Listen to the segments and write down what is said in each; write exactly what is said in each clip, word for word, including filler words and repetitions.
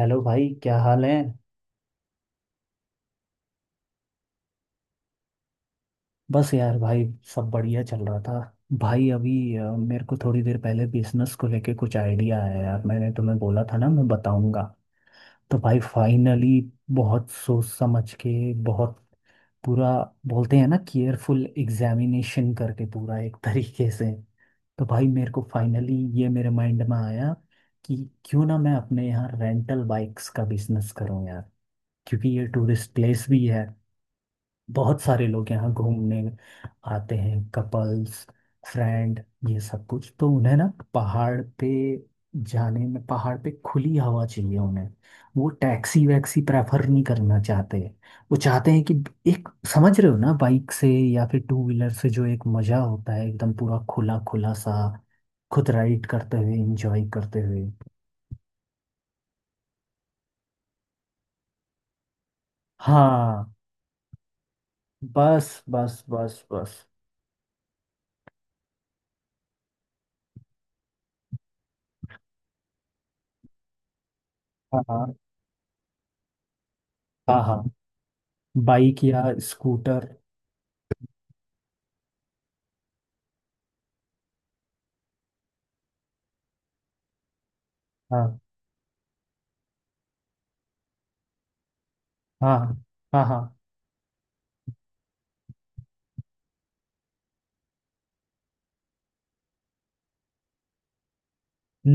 Hello भाई, क्या हाल है। बस यार भाई, सब बढ़िया चल रहा था। भाई अभी अ, मेरे को थोड़ी देर पहले बिजनेस को लेके कुछ आइडिया आया यार। मैंने तुम्हें बोला था ना मैं बताऊंगा। तो भाई फाइनली, बहुत सोच समझ के, बहुत पूरा, बोलते हैं ना केयरफुल एग्जामिनेशन करके पूरा एक तरीके से। तो भाई मेरे को फाइनली ये मेरे माइंड में आया कि क्यों ना मैं अपने यहाँ रेंटल बाइक्स का बिजनेस करूँ यार। क्योंकि ये टूरिस्ट प्लेस भी है, बहुत सारे लोग यहाँ घूमने आते हैं, कपल्स, फ्रेंड, ये सब कुछ। तो उन्हें ना पहाड़ पे जाने में पहाड़ पे खुली हवा चाहिए उन्हें। वो टैक्सी वैक्सी प्रेफर नहीं करना चाहते। वो चाहते हैं कि एक, समझ रहे हो ना, बाइक से या फिर टू व्हीलर से जो एक मज़ा होता है एकदम पूरा खुला खुला सा, खुद राइड करते हुए, इंजॉय करते हुए। हाँ। बस बस बस बस। हाँ हाँ हाँ। बाइक या स्कूटर। हाँ हाँ हाँ हाँ।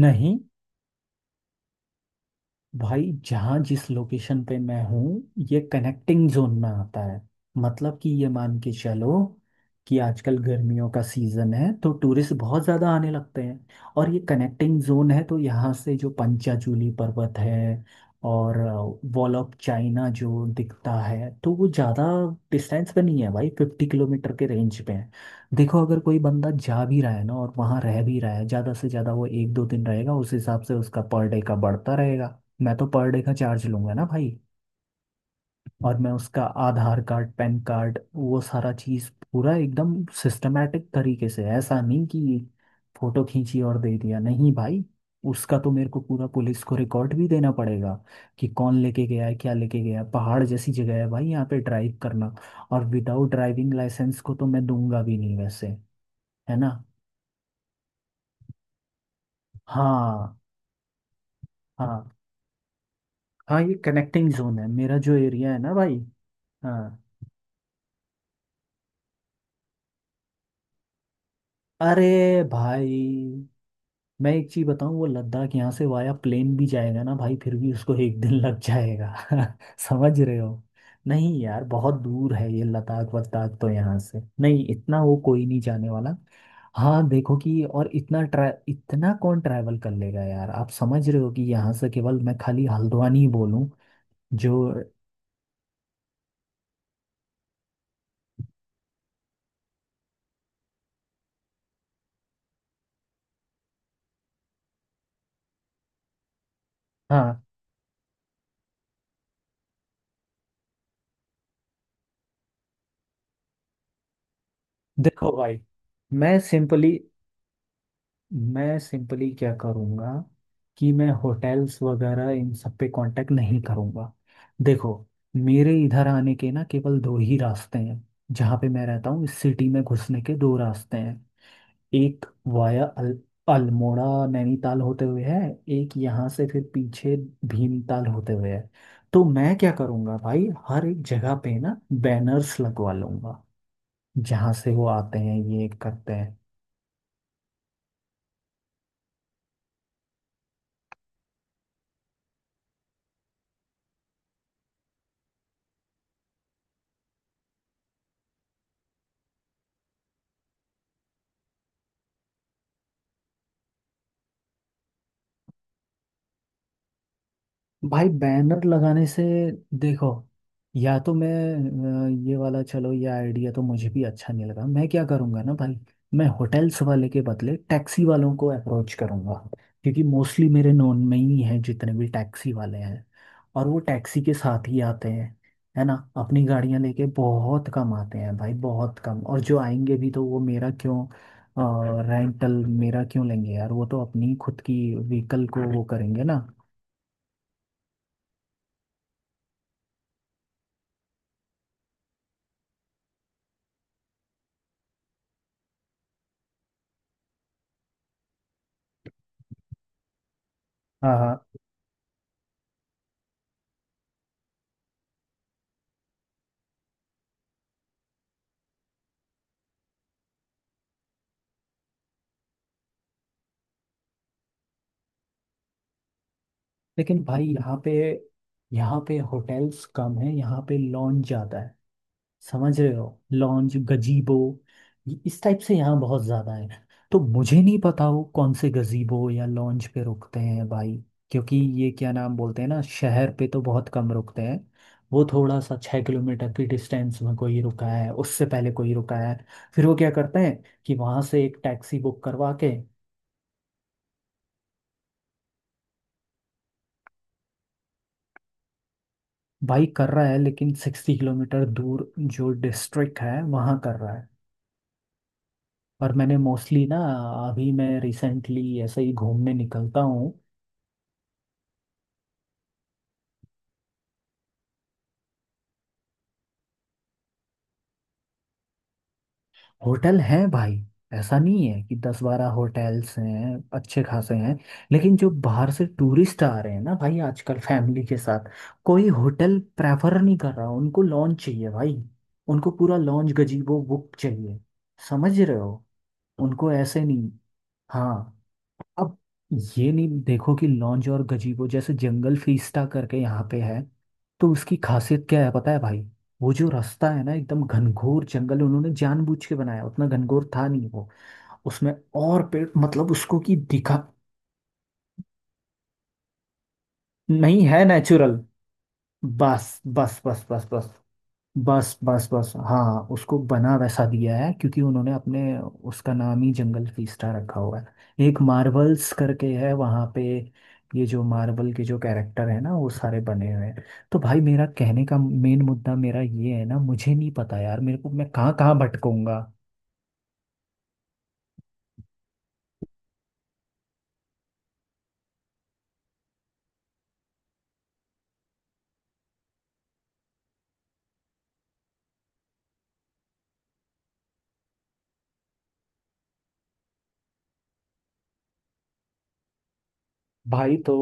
नहीं भाई, जहाँ जिस लोकेशन पे मैं हूँ, ये कनेक्टिंग जोन में आता है। मतलब कि ये मान के चलो कि आजकल गर्मियों का सीजन है तो टूरिस्ट बहुत ज़्यादा आने लगते हैं। और ये कनेक्टिंग जोन है तो यहाँ से जो पंचाचूली पर्वत है और वॉल ऑफ चाइना जो दिखता है, तो वो ज़्यादा डिस्टेंस पे नहीं है भाई, फिफ्टी किलोमीटर के रेंज पे है। देखो अगर कोई बंदा जा भी रहा है ना और वहाँ रह भी रहा है, ज़्यादा से ज़्यादा वो एक दो दिन रहेगा, उस हिसाब से उसका पर डे का बढ़ता रहेगा। मैं तो पर डे का चार्ज लूंगा ना भाई। और मैं उसका आधार कार्ड, पैन कार्ड, वो सारा चीज पूरा एकदम सिस्टमेटिक तरीके से, ऐसा नहीं कि फोटो खींची और दे दिया, नहीं भाई। उसका तो मेरे को पूरा पुलिस को रिकॉर्ड भी देना पड़ेगा कि कौन लेके गया है, क्या लेके गया है। पहाड़ जैसी जगह है भाई, यहाँ पे ड्राइव करना। और विदाउट ड्राइविंग लाइसेंस को तो मैं दूंगा भी नहीं वैसे। है ना। हाँ। हाँ हाँ, ये कनेक्टिंग जोन है मेरा जो एरिया है ना भाई। हाँ। अरे भाई, मैं एक चीज बताऊं, वो लद्दाख यहाँ से वाया प्लेन भी जाएगा ना भाई, फिर भी उसको एक दिन लग जाएगा। समझ रहे हो। नहीं यार, बहुत दूर है ये लद्दाख वद्दाख, तो यहाँ से नहीं इतना वो, कोई नहीं जाने वाला। हाँ देखो कि और इतना ट्रा इतना कौन ट्रैवल कर लेगा यार, आप समझ रहे हो कि यहाँ से केवल मैं खाली हल्द्वानी ही बोलूं जो। हाँ। देखो भाई, मैं सिंपली मैं सिंपली क्या करूँगा कि मैं होटल्स वगैरह इन सब पे कांटेक्ट नहीं करूँगा। देखो, मेरे इधर आने के ना केवल दो ही रास्ते हैं। जहाँ पे मैं रहता हूँ इस सिटी में घुसने के दो रास्ते हैं। एक वाया अल, अल्मोड़ा, नैनीताल होते हुए है। एक यहाँ से फिर पीछे, भीमताल होते हुए है। तो मैं क्या करूँगा भाई, हर एक जगह पे ना बैनर्स लगवा लूँगा, जहाँ से वो आते हैं, ये करते हैं। भाई बैनर लगाने से, देखो, या तो मैं अ, ये वाला, चलो ये आइडिया तो मुझे भी अच्छा नहीं लगा। मैं क्या करूँगा ना भाई, मैं होटल्स वाले के बदले टैक्सी वालों को अप्रोच करूँगा। क्योंकि मोस्टली मेरे नोन में ही हैं जितने भी टैक्सी वाले हैं। और वो टैक्सी के साथ ही आते हैं, है ना, अपनी गाड़ियां लेके बहुत कम आते हैं भाई, बहुत कम। और जो आएंगे भी तो वो मेरा क्यों रेंटल मेरा क्यों लेंगे यार, वो तो अपनी खुद की व्हीकल को वो करेंगे ना। हाँ हाँ। लेकिन भाई यहाँ पे यहाँ पे होटल्स कम है, यहाँ पे लॉन्ज ज्यादा है। समझ रहे हो। लॉन्ज गजीबो, ये- इस टाइप से यहाँ बहुत ज्यादा है। तो मुझे नहीं पता वो कौन से गजीबो या लॉन्ज पे रुकते हैं भाई। क्योंकि ये क्या नाम बोलते हैं ना, शहर पे तो बहुत कम रुकते हैं। वो थोड़ा सा छः किलोमीटर की डिस्टेंस में कोई रुका है, उससे पहले कोई रुका है। फिर वो क्या करते हैं कि वहां से एक टैक्सी बुक करवा के। भाई कर रहा है, लेकिन सिक्सटी किलोमीटर दूर जो डिस्ट्रिक्ट है वहाँ कर रहा है। पर मैंने मोस्टली ना, अभी मैं रिसेंटली ऐसे ही घूमने निकलता हूँ। होटल हैं भाई, ऐसा नहीं है, कि दस बारह होटल्स हैं अच्छे खासे हैं। लेकिन जो बाहर से टूरिस्ट आ रहे हैं ना भाई आजकल फैमिली के साथ, कोई होटल प्रेफर नहीं कर रहा, उनको लॉन्च चाहिए भाई। उनको पूरा लॉन्च गजीबो बुक चाहिए। समझ रहे हो, उनको ऐसे नहीं। हाँ। अब ये नहीं, देखो कि लॉन्ज और गजीबो जैसे जंगल फीस्टा करके यहाँ पे है, तो उसकी खासियत क्या है पता है भाई। वो जो रास्ता है ना एकदम घनघोर जंगल, उन्होंने जानबूझ के बनाया, उतना घनघोर था नहीं वो, उसमें और पेड़, मतलब उसको कि दिखा, नहीं है नेचुरल। बस बस बस बस बस बस बस बस, हाँ उसको बना वैसा दिया है क्योंकि उन्होंने अपने उसका नाम ही जंगल फीस्टा रखा हुआ है, एक मार्वल्स करके है वहाँ पे। ये जो मार्वल के जो कैरेक्टर है ना, वो सारे बने हुए हैं। तो भाई मेरा कहने का मेन मुद्दा मेरा ये है ना, मुझे नहीं पता यार, मेरे को मैं कहाँ कहाँ भटकूंगा। भाई तो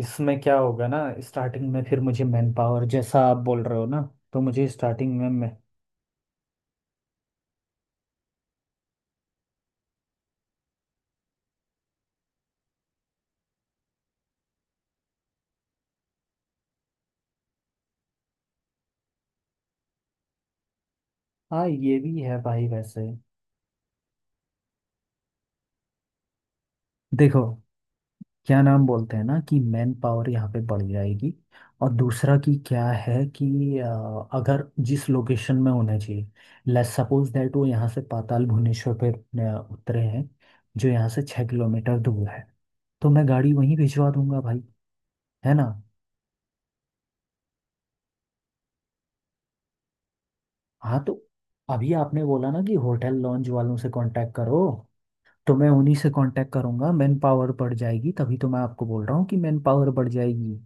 इसमें क्या होगा ना, स्टार्टिंग में फिर मुझे मैन पावर जैसा आप बोल रहे हो ना, तो मुझे स्टार्टिंग में मैं। हाँ ये भी है भाई वैसे। देखो, क्या नाम बोलते हैं ना कि मैन पावर यहाँ पे बढ़ जाएगी। और दूसरा कि क्या है कि अ, अगर जिस लोकेशन में होना चाहिए, लेट्स सपोज दैट वो यहाँ से पाताल भुवनेश्वर पे अ, उतरे हैं, जो यहाँ से छः किलोमीटर दूर है, तो मैं गाड़ी वहीं भिजवा दूंगा भाई। है ना। हाँ तो अभी आपने बोला ना कि होटल लॉन्ज वालों से कांटेक्ट करो, तो मैं उन्हीं से कांटेक्ट करूंगा। मैन पावर बढ़ जाएगी, तभी तो मैं आपको बोल रहा हूँ कि मैन पावर बढ़ जाएगी।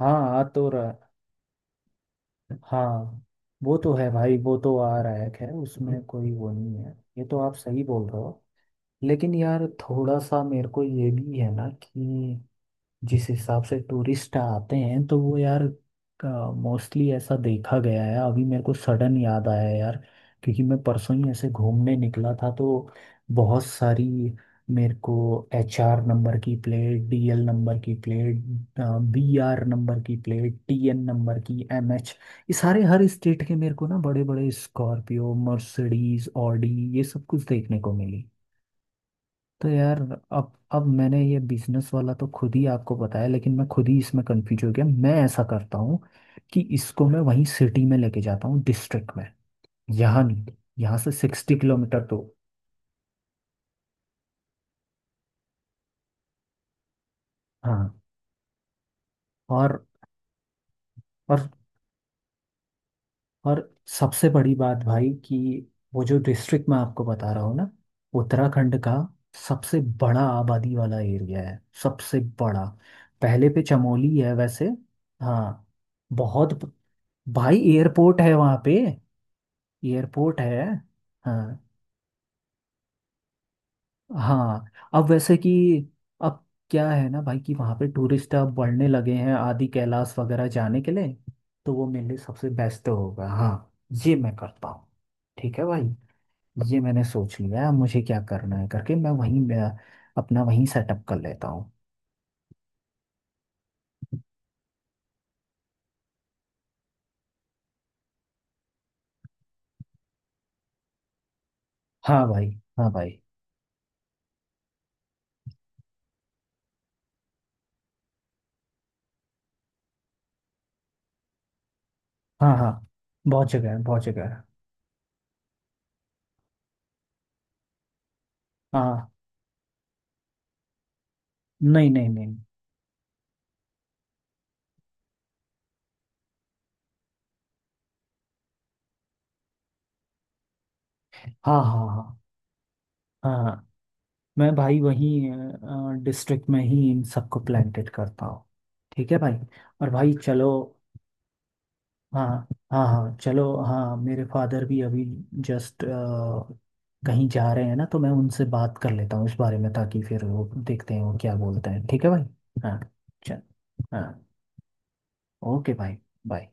हाँ आ तो रहा। हाँ वो तो है भाई, वो तो आ रहा है, खैर उसमें कोई वो नहीं है, ये तो आप सही बोल रहे हो। लेकिन यार थोड़ा सा मेरे को ये भी है ना, कि जिस हिसाब से टूरिस्ट आते हैं तो वो यार मोस्टली ऐसा देखा गया है, अभी मेरे को सडन याद आया यार, क्योंकि मैं परसों ही ऐसे घूमने निकला था तो बहुत सारी मेरे को एच आर नंबर की प्लेट, डी एल नंबर की प्लेट, बी आर नंबर की प्लेट, टी एन नंबर की, एम एच, ये सारे हर स्टेट के मेरे को ना बड़े बड़े स्कॉर्पियो, मर्सिडीज, ऑडी, ये सब कुछ देखने को मिली। तो यार, अब अब मैंने ये बिजनेस वाला तो खुद ही आपको बताया, लेकिन मैं खुद ही इसमें कंफ्यूज हो गया। मैं ऐसा करता हूँ कि इसको मैं वहीं सिटी में लेके जाता हूँ, डिस्ट्रिक्ट में, यहाँ नहीं, यहाँ से सिक्सटी किलोमीटर दूर। हाँ। और और और सबसे बड़ी बात भाई कि वो जो डिस्ट्रिक्ट मैं आपको बता रहा हूँ ना, उत्तराखंड का सबसे बड़ा आबादी वाला एरिया है, सबसे बड़ा। पहले पे चमोली है वैसे। हाँ बहुत। भाई एयरपोर्ट है वहाँ पे, एयरपोर्ट है। हाँ हाँ। अब वैसे कि, अब क्या है ना भाई, कि वहाँ पे टूरिस्ट अब बढ़ने लगे हैं आदि कैलाश वगैरह जाने के लिए। तो वो मेरे लिए सबसे बेस्ट होगा। हाँ, ये मैं करता हूँ। ठीक है भाई, ये मैंने सोच लिया है अब मुझे क्या करना है करके, मैं वहीं मैं अपना वहीं सेटअप कर लेता हूँ। हाँ भाई। हाँ भाई। हाँ हाँ। बहुत जगह है, बहुत जगह है। हाँ। नहीं नहीं नहीं। हाँ हाँ हाँ। हाँ हाँ। मैं भाई वहीं डिस्ट्रिक्ट में ही इन सबको प्लांटेड करता हूँ। ठीक है भाई। और भाई चलो। हाँ हाँ हाँ चलो। हाँ मेरे फादर भी अभी जस्ट कहीं जा रहे हैं ना, तो मैं उनसे बात कर लेता हूँ इस बारे में, ताकि फिर वो देखते हैं वो क्या बोलते हैं। ठीक है भाई। हाँ चल। हाँ ओके भाई। बाय।